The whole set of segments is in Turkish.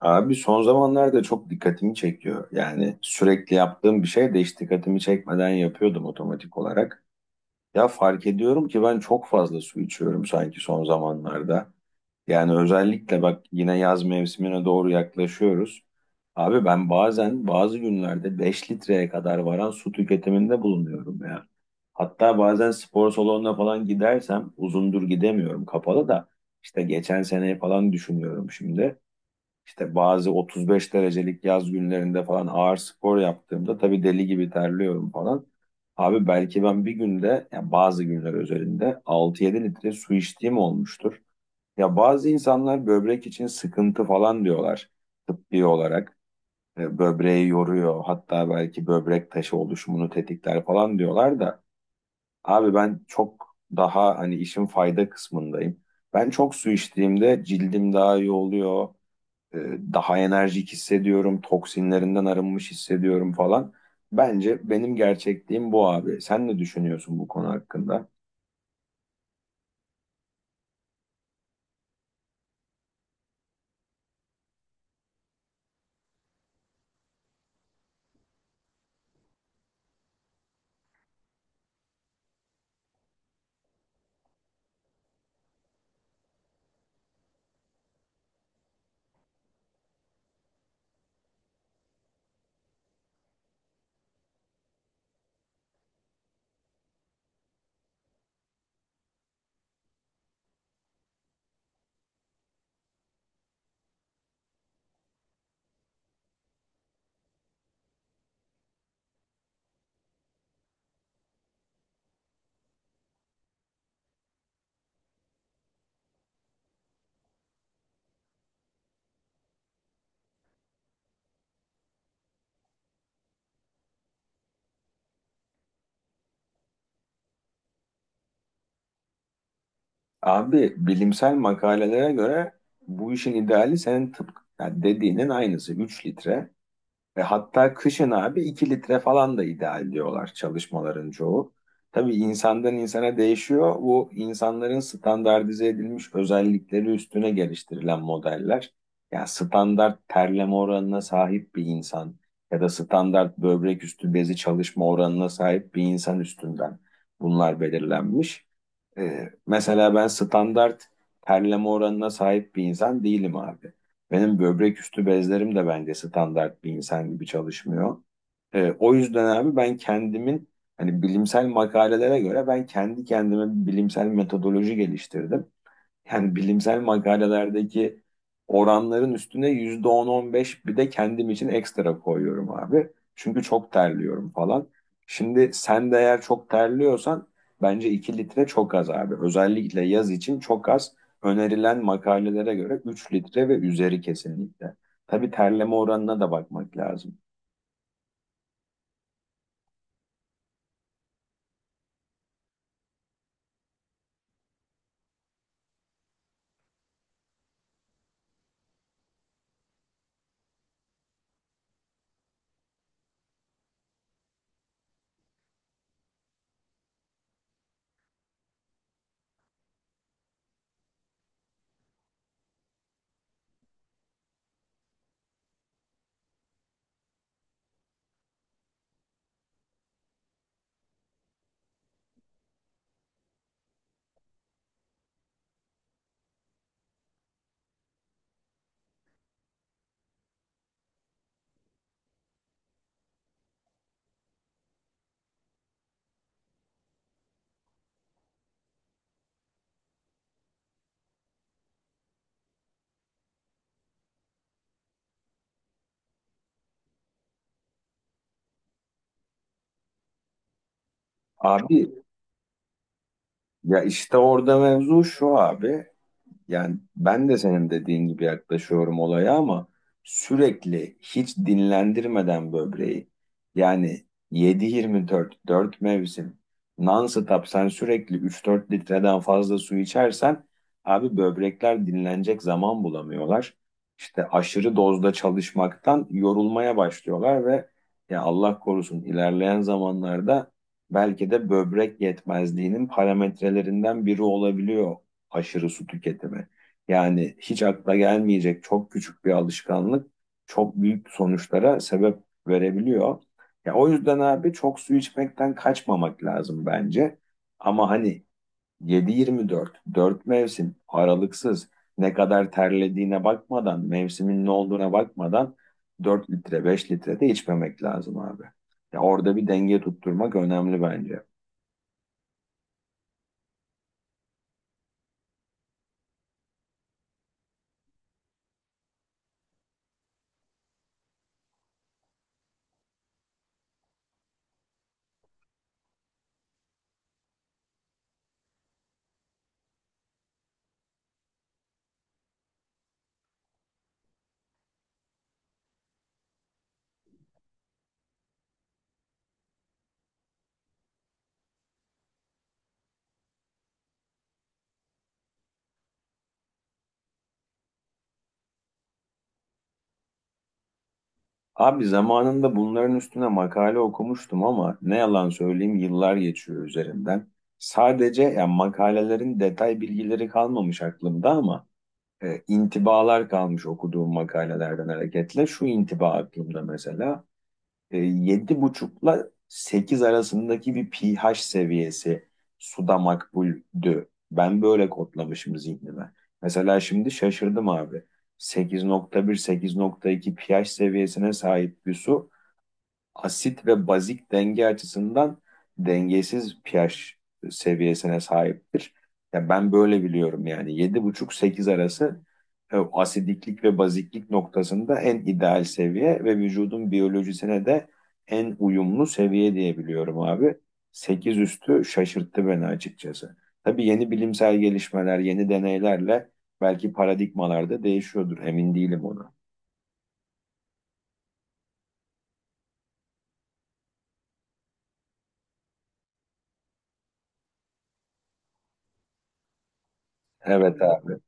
Abi son zamanlarda çok dikkatimi çekiyor. Yani sürekli yaptığım bir şey de hiç dikkatimi çekmeden yapıyordum otomatik olarak. Ya fark ediyorum ki ben çok fazla su içiyorum sanki son zamanlarda. Yani özellikle bak yine yaz mevsimine doğru yaklaşıyoruz. Abi ben bazen bazı günlerde 5 litreye kadar varan su tüketiminde bulunuyorum ya. Hatta bazen spor salonuna falan gidersem uzundur gidemiyorum, kapalı da işte geçen seneyi falan düşünüyorum şimdi. İşte bazı 35 derecelik yaz günlerinde falan ağır spor yaptığımda tabii deli gibi terliyorum falan. Abi belki ben bir günde, yani bazı günler özelinde 6-7 litre su içtiğim olmuştur. Ya bazı insanlar böbrek için sıkıntı falan diyorlar tıbbi olarak. Böbreği yoruyor, hatta belki böbrek taşı oluşumunu tetikler falan diyorlar da. Abi ben çok daha hani işin fayda kısmındayım. Ben çok su içtiğimde cildim daha iyi oluyor. E, daha enerjik hissediyorum, toksinlerinden arınmış hissediyorum falan. Bence benim gerçekliğim bu abi. Sen ne düşünüyorsun bu konu hakkında? Abi bilimsel makalelere göre bu işin ideali senin tıpkı yani dediğinin aynısı 3 litre. Ve hatta kışın abi 2 litre falan da ideal diyorlar çalışmaların çoğu. Tabii insandan insana değişiyor. Bu insanların standartize edilmiş özellikleri üstüne geliştirilen modeller. Yani standart terleme oranına sahip bir insan ya da standart böbrek üstü bezi çalışma oranına sahip bir insan üstünden bunlar belirlenmiş. Mesela ben standart terleme oranına sahip bir insan değilim abi. Benim böbrek üstü bezlerim de bence standart bir insan gibi çalışmıyor. O yüzden abi ben kendimin hani bilimsel makalelere göre ben kendi kendime bir bilimsel metodoloji geliştirdim. Yani bilimsel makalelerdeki oranların üstüne yüzde on 15 bir de kendim için ekstra koyuyorum abi. Çünkü çok terliyorum falan. Şimdi sen de eğer çok terliyorsan bence 2 litre çok az abi. Özellikle yaz için çok az. Önerilen makalelere göre 3 litre ve üzeri kesinlikle. Tabii terleme oranına da bakmak lazım. Abi ya işte orada mevzu şu abi. Yani ben de senin dediğin gibi yaklaşıyorum olaya ama sürekli hiç dinlendirmeden böbreği, yani yedi, yirmi dört, dört mevsim non-stop sen sürekli 3-4 litreden fazla su içersen abi böbrekler dinlenecek zaman bulamıyorlar. İşte aşırı dozda çalışmaktan yorulmaya başlıyorlar ve ya Allah korusun ilerleyen zamanlarda belki de böbrek yetmezliğinin parametrelerinden biri olabiliyor aşırı su tüketimi. Yani hiç akla gelmeyecek çok küçük bir alışkanlık çok büyük sonuçlara sebep verebiliyor. Ya o yüzden abi çok su içmekten kaçmamak lazım bence. Ama hani 7-24, dört mevsim aralıksız, ne kadar terlediğine bakmadan, mevsimin ne olduğuna bakmadan 4 litre, 5 litre de içmemek lazım abi. Ya orada bir denge tutturmak önemli bence. Abi zamanında bunların üstüne makale okumuştum ama ne yalan söyleyeyim yıllar geçiyor üzerinden. Sadece yani makalelerin detay bilgileri kalmamış aklımda ama intibalar kalmış okuduğum makalelerden hareketle. Şu intiba aklımda mesela. Yedi buçukla 8 arasındaki bir pH seviyesi suda makbuldü. Ben böyle kodlamışım zihnime. Mesela şimdi şaşırdım abi. Sekiz, 8,1, 8,2 pH seviyesine sahip bir su asit ve bazik denge açısından dengesiz pH seviyesine sahiptir. Ya ben böyle biliyorum yani 7,5 sekiz arası asidiklik ve baziklik noktasında en ideal seviye ve vücudun biyolojisine de en uyumlu seviye diye biliyorum abi. 8 üstü şaşırttı beni açıkçası. Tabii yeni bilimsel gelişmeler, yeni deneylerle belki paradigmalar da değişiyordur. Emin değilim ona. Evet abi.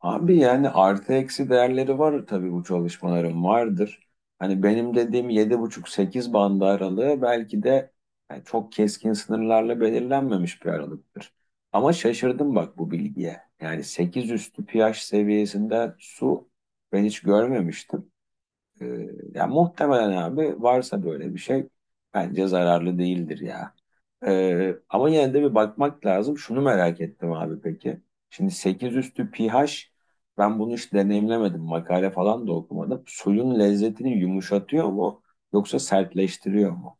Abi yani artı eksi değerleri var tabii bu çalışmaların vardır. Hani benim dediğim 7,5 sekiz bandı aralığı belki de yani çok keskin sınırlarla belirlenmemiş bir aralıktır. Ama şaşırdım bak bu bilgiye. Yani 8 üstü pH seviyesinde su ben hiç görmemiştim. Ee, yani muhtemelen abi varsa böyle bir şey bence zararlı değildir ya. Ama yine de bir bakmak lazım. Şunu merak ettim abi peki. Şimdi 8 üstü pH, ben bunu hiç deneyimlemedim. Makale falan da okumadım. Suyun lezzetini yumuşatıyor mu yoksa sertleştiriyor mu?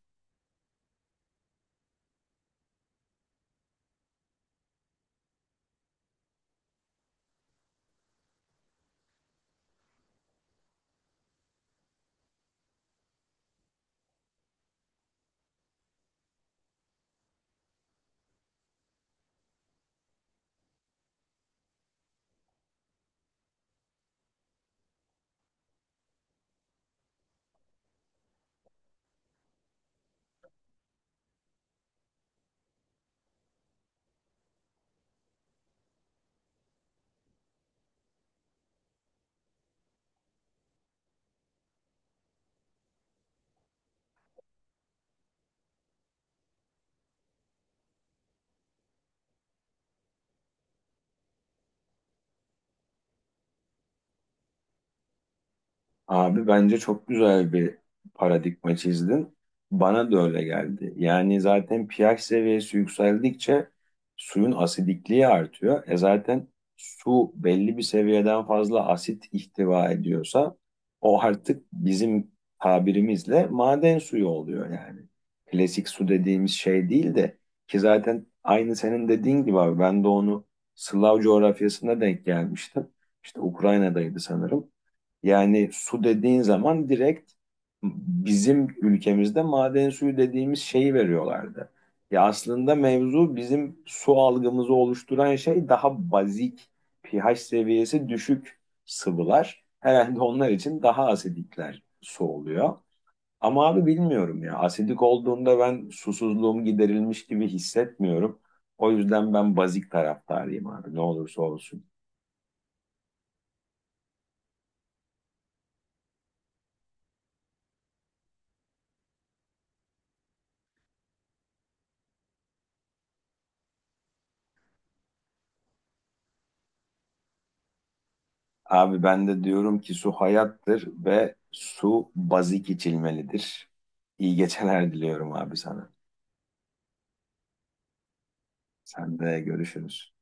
Abi bence çok güzel bir paradigma çizdin. Bana da öyle geldi. Yani zaten pH seviyesi yükseldikçe suyun asidikliği artıyor. E zaten su belli bir seviyeden fazla asit ihtiva ediyorsa o artık bizim tabirimizle maden suyu oluyor yani. Klasik su dediğimiz şey değil de ki zaten aynı senin dediğin gibi abi ben de onu Slav coğrafyasına denk gelmiştim. İşte Ukrayna'daydı sanırım. Yani su dediğin zaman direkt bizim ülkemizde maden suyu dediğimiz şeyi veriyorlardı. Ya aslında mevzu bizim su algımızı oluşturan şey daha bazik, pH seviyesi düşük sıvılar. Herhalde onlar için daha asidikler su oluyor. Ama abi bilmiyorum ya. Asidik olduğunda ben susuzluğum giderilmiş gibi hissetmiyorum. O yüzden ben bazik taraftarıyım abi ne olursa olsun. Abi ben de diyorum ki su hayattır ve su bazik içilmelidir. İyi geceler diliyorum abi sana. Sen de görüşürüz.